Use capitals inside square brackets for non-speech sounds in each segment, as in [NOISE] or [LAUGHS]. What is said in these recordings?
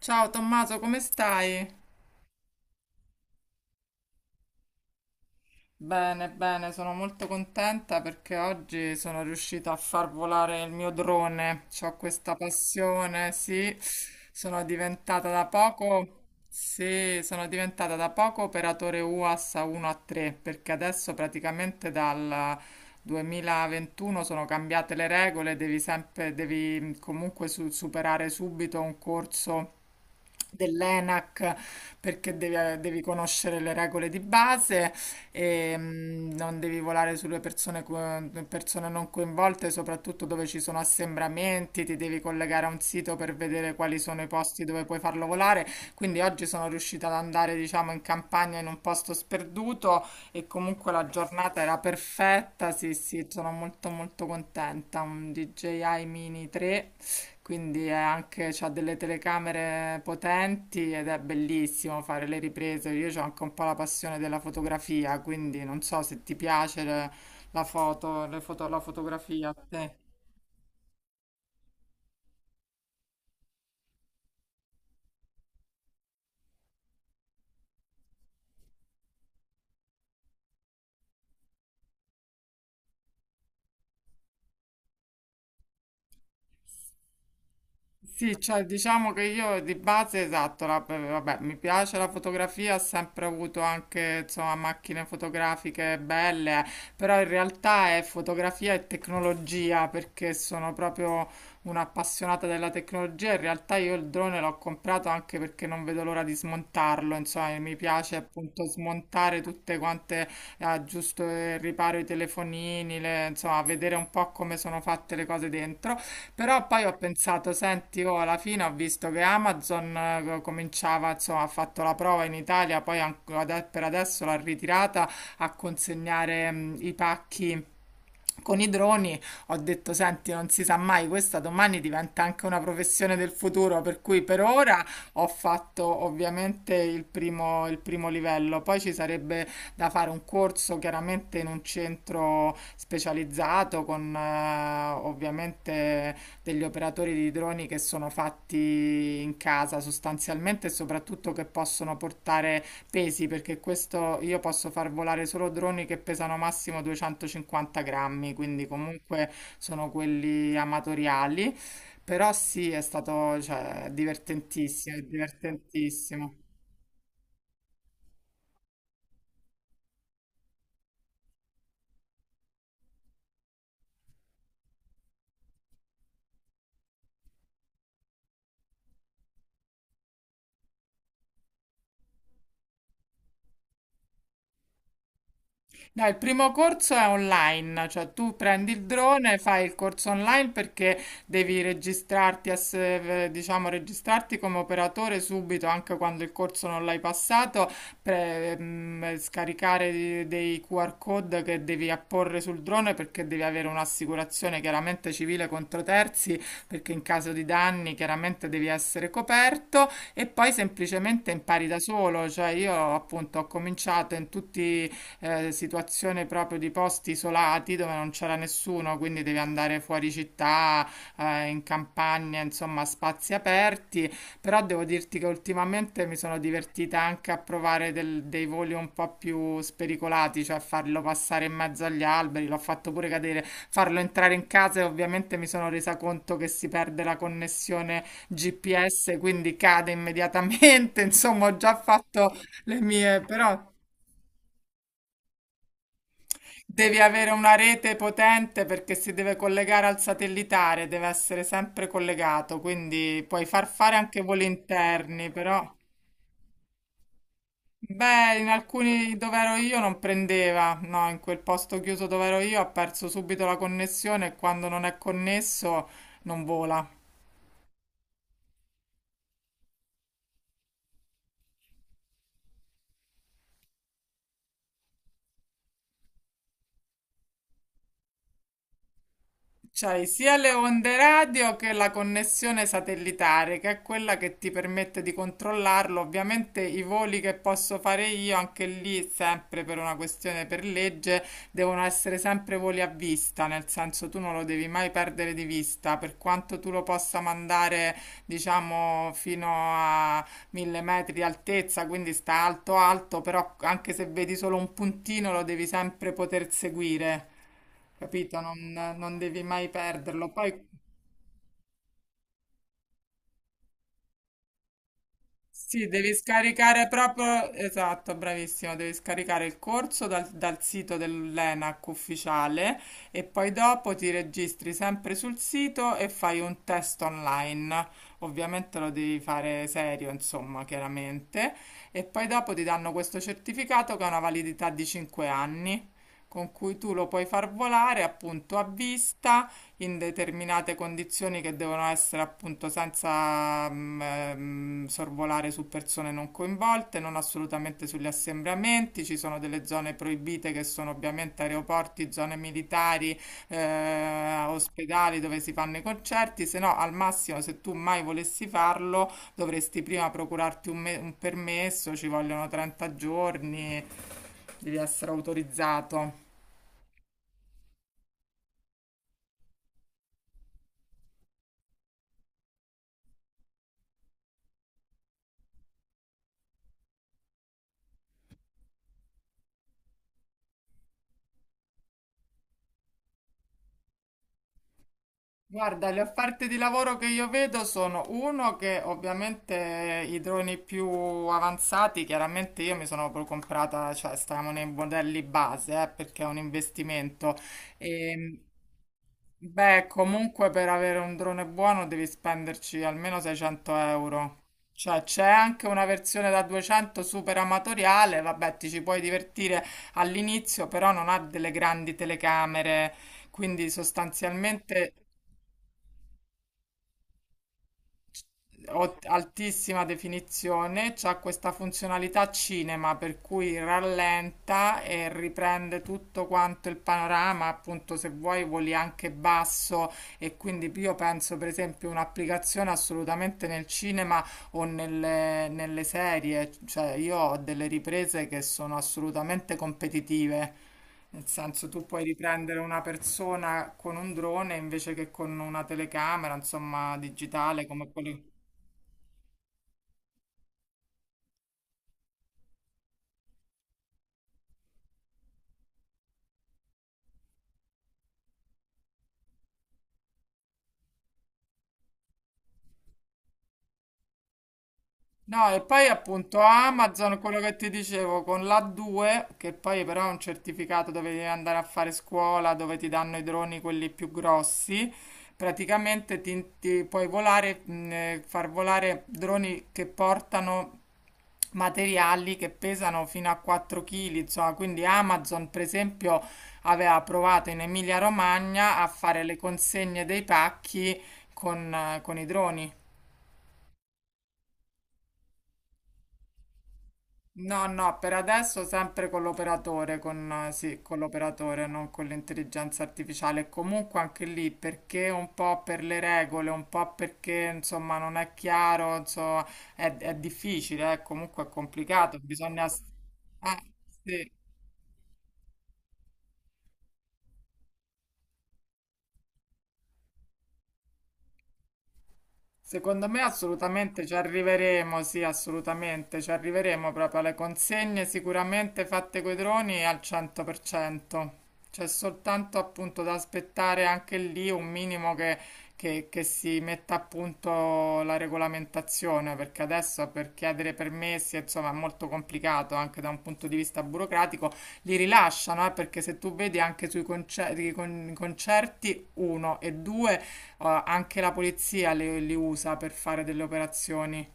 Ciao Tommaso, come stai? Bene, bene, sono molto contenta perché oggi sono riuscita a far volare il mio drone. Ho questa passione, sì. Sono diventata da poco, sì, sono diventata da poco operatore UAS a 1 a 3 perché adesso praticamente dal 2021 sono cambiate le regole, devi comunque superare subito un corso dell'ENAC perché devi conoscere le regole di base e non devi volare sulle persone, persone non coinvolte, soprattutto dove ci sono assembramenti, ti devi collegare a un sito per vedere quali sono i posti dove puoi farlo volare. Quindi oggi sono riuscita ad andare, diciamo, in campagna in un posto sperduto e comunque la giornata era perfetta. Sì, sì, sono molto molto contenta. Un DJI Mini 3, quindi è anche, c'ha delle telecamere potenti ed è bellissimo fare le riprese. Io ho anche un po' la passione della fotografia, quindi non so se ti piace la fotografia a te. Sì, cioè diciamo che io di base, esatto, vabbè, mi piace la fotografia, ho sempre avuto anche, insomma, macchine fotografiche belle, però in realtà è fotografia e tecnologia, perché sono proprio un'appassionata della tecnologia. In realtà io il drone l'ho comprato anche perché non vedo l'ora di smontarlo, insomma, mi piace appunto smontare tutte quante, aggiusto e riparo i telefonini, insomma, vedere un po' come sono fatte le cose dentro. Però poi ho pensato, senti, oh, alla fine ho visto che Amazon cominciava, insomma, ha fatto la prova in Italia, poi anche per adesso l'ha ritirata a consegnare i pacchi con i droni. Ho detto: Senti, non si sa mai, questa domani diventa anche una professione del futuro. Per cui per ora ho fatto ovviamente il primo livello. Poi ci sarebbe da fare un corso chiaramente in un centro specializzato con ovviamente degli operatori di droni che sono fatti in casa sostanzialmente, e soprattutto che possono portare pesi, perché questo io posso far volare solo droni che pesano massimo 250 grammi, quindi comunque sono quelli amatoriali. Però sì, è stato, cioè, divertentissimo, è divertentissimo. No, il primo corso è online, cioè tu prendi il drone, fai il corso online perché devi registrarti, diciamo, registrarti come operatore subito, anche quando il corso non l'hai passato, scaricare dei QR code che devi apporre sul drone perché devi avere un'assicurazione chiaramente civile contro terzi, perché in caso di danni chiaramente devi essere coperto, e poi semplicemente impari da solo. Cioè io appunto ho cominciato in tutti situazione proprio di posti isolati dove non c'era nessuno, quindi devi andare fuori città, in campagna, insomma, a spazi aperti. Però devo dirti che ultimamente mi sono divertita anche a provare dei voli un po' più spericolati, cioè farlo passare in mezzo agli alberi, l'ho fatto pure cadere, farlo entrare in casa, e ovviamente mi sono resa conto che si perde la connessione GPS, quindi cade immediatamente. [LAUGHS] Insomma, ho già fatto le mie, però. Devi avere una rete potente perché si deve collegare al satellitare, deve essere sempre collegato, quindi puoi far fare anche voli interni, però... Beh, in alcuni dove ero io non prendeva, no, in quel posto chiuso dove ero io ha perso subito la connessione, e quando non è connesso non vola. C'hai sia le onde radio che la connessione satellitare, che è quella che ti permette di controllarlo. Ovviamente i voli che posso fare io, anche lì, sempre per una questione per legge, devono essere sempre voli a vista, nel senso tu non lo devi mai perdere di vista, per quanto tu lo possa mandare, diciamo, fino a 1.000 metri di altezza, quindi sta alto alto, però anche se vedi solo un puntino lo devi sempre poter seguire, capito? Non, non devi mai perderlo. Poi sì, devi scaricare proprio, esatto, bravissimo, devi scaricare il corso dal, dal sito dell'ENAC ufficiale e poi dopo ti registri sempre sul sito e fai un test online. Ovviamente lo devi fare serio, insomma, chiaramente. E poi dopo ti danno questo certificato che ha una validità di 5 anni, con cui tu lo puoi far volare appunto a vista in determinate condizioni che devono essere appunto senza sorvolare su persone non coinvolte, non assolutamente sugli assembramenti. Ci sono delle zone proibite che sono ovviamente aeroporti, zone militari, ospedali dove si fanno i concerti, se no al massimo se tu mai volessi farlo dovresti prima procurarti un permesso, ci vogliono 30 giorni, devi essere autorizzato. Guarda, le offerte di lavoro che io vedo sono uno che ovviamente i droni più avanzati, chiaramente io mi sono proprio comprata, cioè stavamo nei modelli base, perché è un investimento. E, beh, comunque per avere un drone buono devi spenderci almeno 600 euro. Cioè c'è anche una versione da 200, super amatoriale, vabbè, ti ci puoi divertire all'inizio, però non ha delle grandi telecamere, quindi sostanzialmente... altissima definizione, c'ha questa funzionalità cinema per cui rallenta e riprende tutto quanto il panorama, appunto se vuoi voli anche basso, e quindi io penso per esempio un'applicazione assolutamente nel cinema o nelle, nelle serie, cioè io ho delle riprese che sono assolutamente competitive. Nel senso, tu puoi riprendere una persona con un drone invece che con una telecamera, insomma, digitale come quello. No, e poi appunto Amazon, quello che ti dicevo, con l'A2, che poi però è un certificato dove devi andare a fare scuola, dove ti danno i droni quelli più grossi, praticamente ti far volare droni che portano materiali che pesano fino a 4 kg, insomma. Quindi Amazon, per esempio, aveva provato in Emilia-Romagna a fare le consegne dei pacchi con i droni. No, no, per adesso sempre con l'operatore, sì, con l'operatore, non con l'intelligenza artificiale. Comunque anche lì, perché un po' per le regole, un po' perché insomma non è chiaro, insomma, è difficile, comunque è complicato, bisogna... Eh, sì. Secondo me assolutamente ci arriveremo, sì, assolutamente ci arriveremo proprio alle consegne sicuramente fatte coi droni al 100%. C'è soltanto appunto da aspettare anche lì un minimo che si metta a punto la regolamentazione, perché adesso per chiedere permessi, insomma, è molto complicato anche da un punto di vista burocratico. Li rilasciano, perché se tu vedi anche sui i concerti, uno e due, anche la polizia li usa per fare delle operazioni.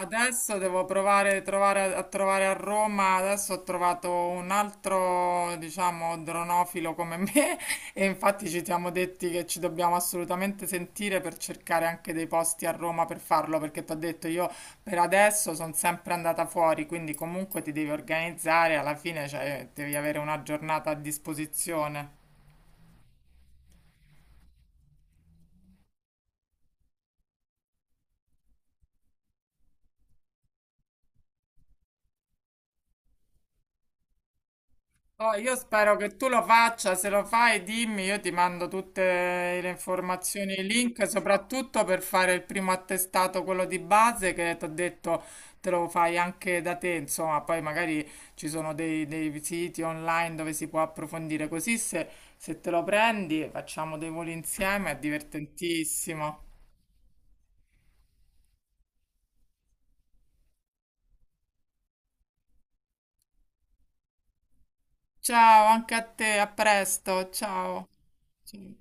Adesso devo provare a trovare a Roma. Adesso ho trovato un altro, diciamo, dronofilo come me. [LAUGHS] E infatti ci siamo detti che ci dobbiamo assolutamente sentire per cercare anche dei posti a Roma per farlo. Perché ti ho detto, io per adesso sono sempre andata fuori. Quindi comunque ti devi organizzare. Alla fine, cioè, devi avere una giornata a disposizione. Oh, io spero che tu lo faccia, se lo fai dimmi, io ti mando tutte le informazioni e i link, soprattutto per fare il primo attestato, quello di base, che ti ho detto te lo fai anche da te, insomma, poi magari ci sono dei, dei siti online dove si può approfondire, così se, se te lo prendi facciamo dei voli insieme, è divertentissimo. Ciao, anche a te, a presto, ciao. Ciao.